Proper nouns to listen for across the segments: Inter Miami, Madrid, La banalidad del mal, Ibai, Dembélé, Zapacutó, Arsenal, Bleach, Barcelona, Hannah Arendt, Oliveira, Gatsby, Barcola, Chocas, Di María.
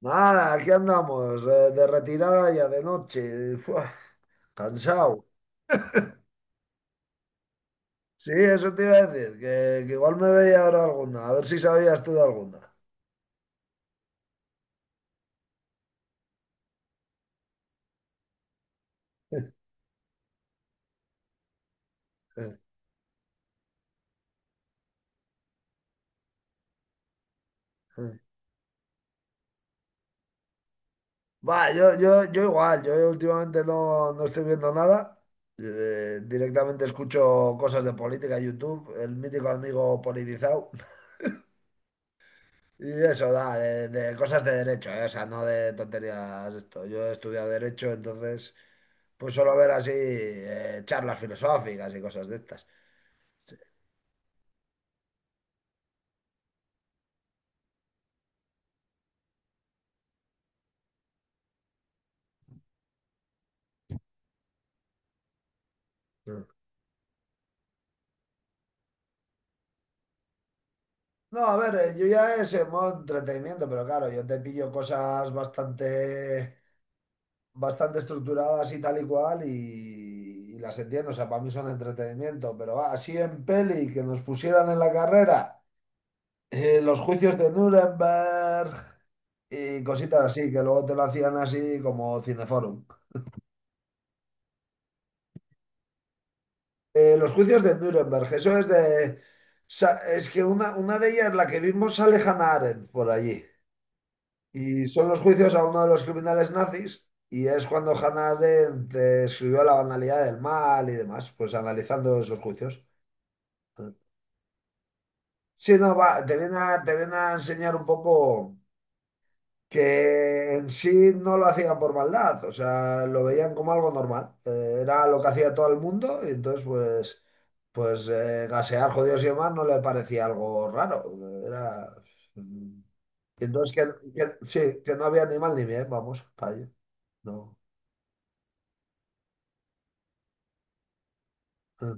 Nada, aquí andamos, de retirada ya de noche, Fua, cansado. Sí, eso te iba a decir, que igual me veía ahora alguna, a ver si sabías tú de alguna. Va, yo igual, yo últimamente no estoy viendo nada, directamente escucho cosas de política, YouTube, el mítico amigo politizado. Y eso da, de cosas de derecho, ¿eh? O sea, no de tonterías esto. Yo he estudiado derecho, entonces, pues solo ver así charlas filosóficas y cosas de estas. Mm. No, a ver, yo ya es en modo entretenimiento, pero claro, yo te pillo cosas bastante estructuradas y tal y cual y las entiendo, o sea, para mí son entretenimiento, pero va, así en peli que nos pusieran en la carrera. Los juicios de Nuremberg y cositas así, que luego te lo hacían así como Cineforum. Los juicios de Nuremberg, eso es de es que una de ellas, la que vimos, sale Hannah Arendt por allí. Y son los juicios a uno de los criminales nazis y es cuando Hannah Arendt escribió La banalidad del mal y demás, pues analizando esos juicios. Sí, no, va, te viene a enseñar un poco, que en sí no lo hacían por maldad, o sea, lo veían como algo normal. Era lo que hacía todo el mundo y entonces pues gasear jodidos y demás no le parecía algo raro. Era. mm, Y entonces sí, que no había ni mal ni bien, vamos, para allí. No. Eh,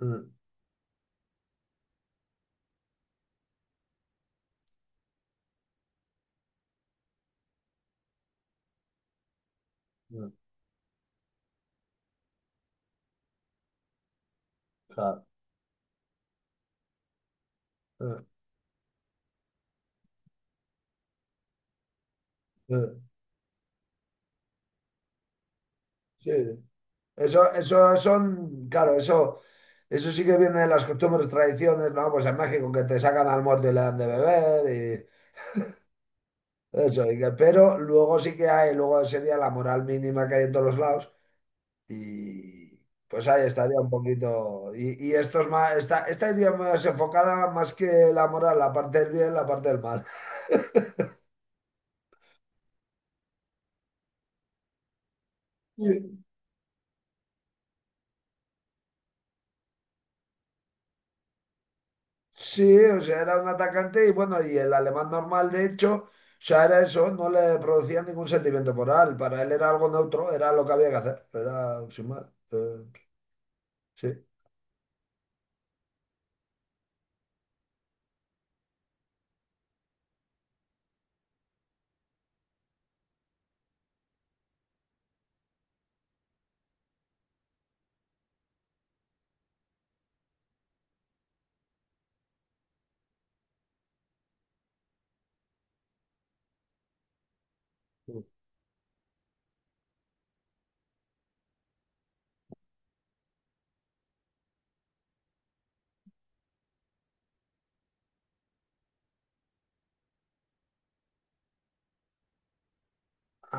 eh, eh, claro, eh, eh, sí. Eso son, claro, eso. Eso sí que viene de las costumbres, tradiciones, ¿no? Pues en México que te sacan al muerto y le dan de beber. Eso, pero luego sí que hay, luego sería la moral mínima que hay en todos los lados y pues ahí estaría un poquito. Y esto es más, esta iría más enfocada más que la moral, la parte del bien, la parte del mal. Sí. Sí, o sea, era un atacante y bueno, y el alemán normal, de hecho, o sea, era eso, no le producía ningún sentimiento moral, para él era algo neutro, era lo que había que hacer, era sin más. eh, sí.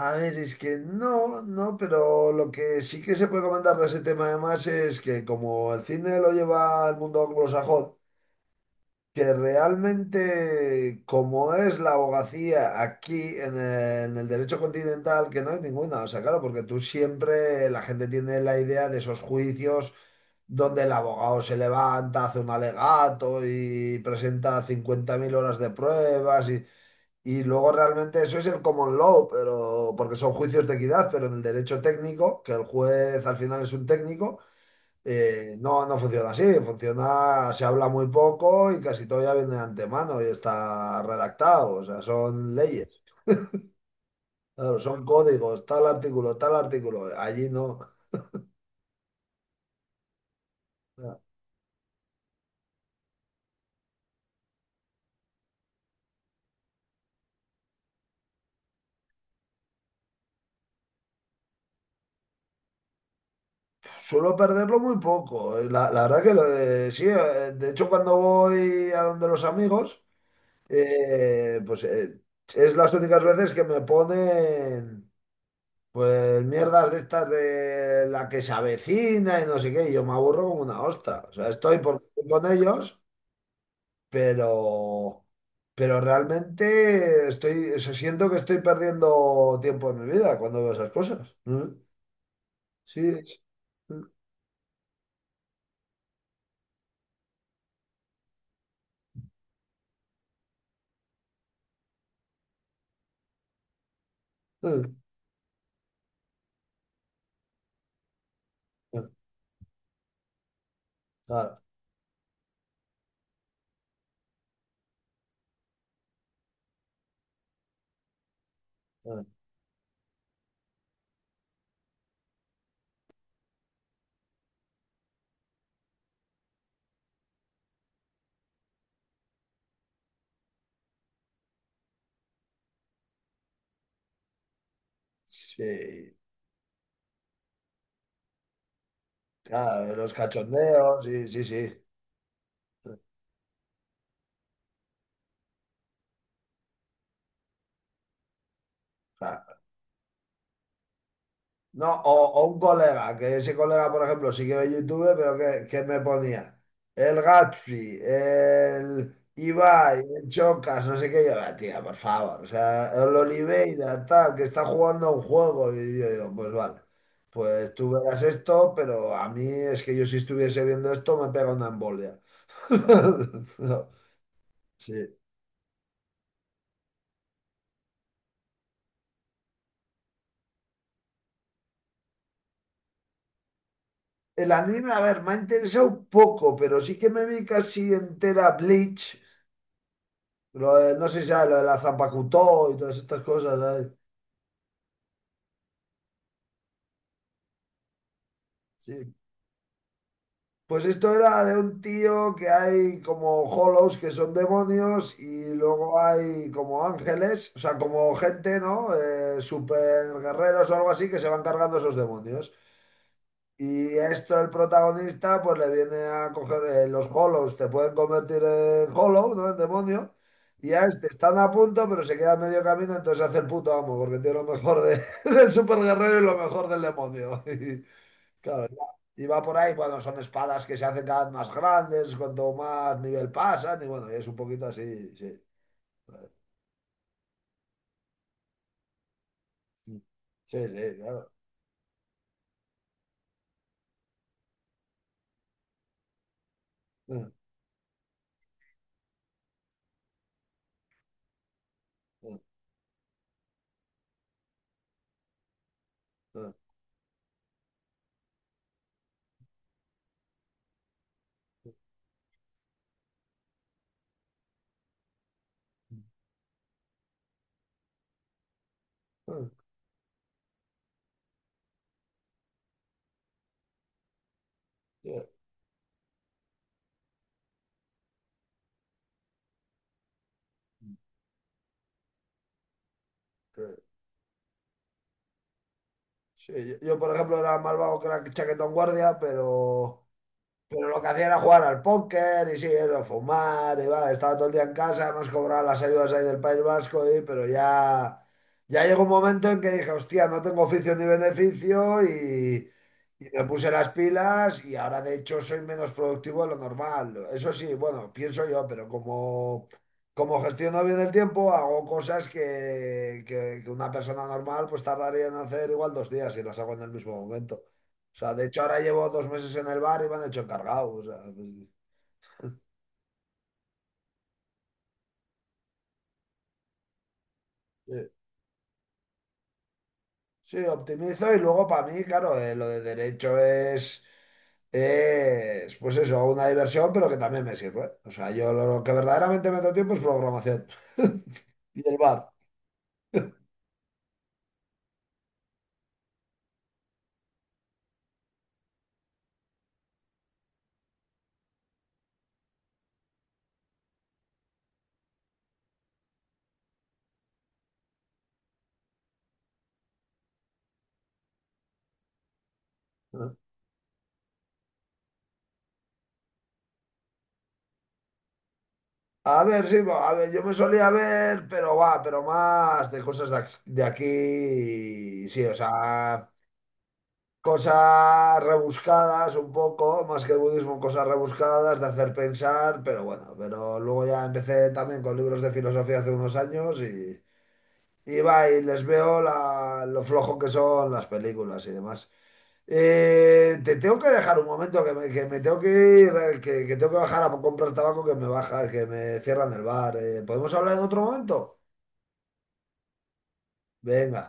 A ver, es que no, pero lo que sí que se puede comentar de ese tema además es que como el cine lo lleva el mundo anglosajón, que realmente como es la abogacía aquí en el derecho continental, que no hay ninguna, o sea, claro, porque tú siempre la gente tiene la idea de esos juicios donde el abogado se levanta, hace un alegato y presenta 50.000 horas de pruebas y luego realmente eso es el common law, pero porque son juicios de equidad, pero en el derecho técnico, que el juez al final es un técnico, no funciona así. Funciona, se habla muy poco y casi todo ya viene de antemano y está redactado. O sea, son leyes. Claro, son códigos, tal artículo, tal artículo. Allí no. Suelo perderlo muy poco. La verdad que sí, de hecho cuando voy a donde los amigos. Pues es las únicas veces que me ponen pues mierdas de estas de la que se avecina y no sé qué, y yo me aburro como una ostra. O sea, estoy porque estoy con ellos, pero, realmente estoy, o sea, siento que estoy perdiendo tiempo en mi vida cuando veo esas cosas. Mm. Sí. Mm. Mm. Mm, claro. Mm. Sí, claro, los cachondeos. Sí, sí, sí. No, o un colega, que ese colega, por ejemplo, sí que ve YouTube, pero que me ponía el Gatsby, el Ibai, el Chocas, no sé qué, yo, "Ah, tía, por favor, o sea, el Oliveira, tal, que está jugando a un juego", y yo digo, pues vale, pues tú verás esto, pero a mí es que yo si estuviese viendo esto me pega una embolia. No, sí. El anime, a ver, me ha interesado un poco, pero sí que me vi casi entera Bleach. Lo de, no sé si sabes, lo de la Zapacutó y todas estas cosas, ¿sabes? Sí. Pues esto era de un tío que hay como hollows que son demonios y luego hay como ángeles, o sea, como gente, ¿no? Super guerreros o algo así que se van cargando esos demonios. Y esto el protagonista pues le viene a coger los hollows, te pueden convertir en hollow, ¿no? En demonio. Y a este están a punto, pero se queda a medio camino, entonces hace el puto amo, porque tiene lo mejor de del super guerrero y lo mejor del demonio. Y, claro, y va por ahí, bueno, son espadas que se hacen cada vez más grandes, cuanto más nivel pasan, y bueno, es un poquito así, sí. Sí, sí, claro. Sí, sí, sí. Sí, yo, por ejemplo, era más vago que la chaquetón guardia, pero, lo que hacía era jugar al póker y sí, eso, fumar y vale estaba todo el día en casa, además cobraba las ayudas ahí del País Vasco, y pero ya, ya llegó un momento en que dije, hostia, no tengo oficio ni beneficio y me puse las pilas y ahora de hecho soy menos productivo de lo normal. Eso sí, bueno, pienso yo, pero como gestiono bien el tiempo, hago cosas que una persona normal pues tardaría en hacer igual 2 días y las hago en el mismo momento. O sea, de hecho ahora llevo 2 meses en el bar y me han hecho encargado. O sea, pues, sí, sí, optimizo y luego para mí, claro, lo de derecho es, pues eso, una diversión, pero que también me sirve. O sea, yo lo que verdaderamente meto tiempo es programación y el bar. Ah. A ver, sí, a ver, yo me solía ver, pero va, pero más de cosas de aquí, sí, o sea, cosas rebuscadas un poco, más que budismo, cosas rebuscadas de hacer pensar, pero bueno, pero luego ya empecé también con libros de filosofía hace unos años y va, y les veo la lo flojo que son las películas y demás. Te tengo que dejar un momento que me tengo que ir, que tengo que bajar a comprar tabaco que me baja, que me cierran el bar. ¿Podemos hablar en otro momento? Venga.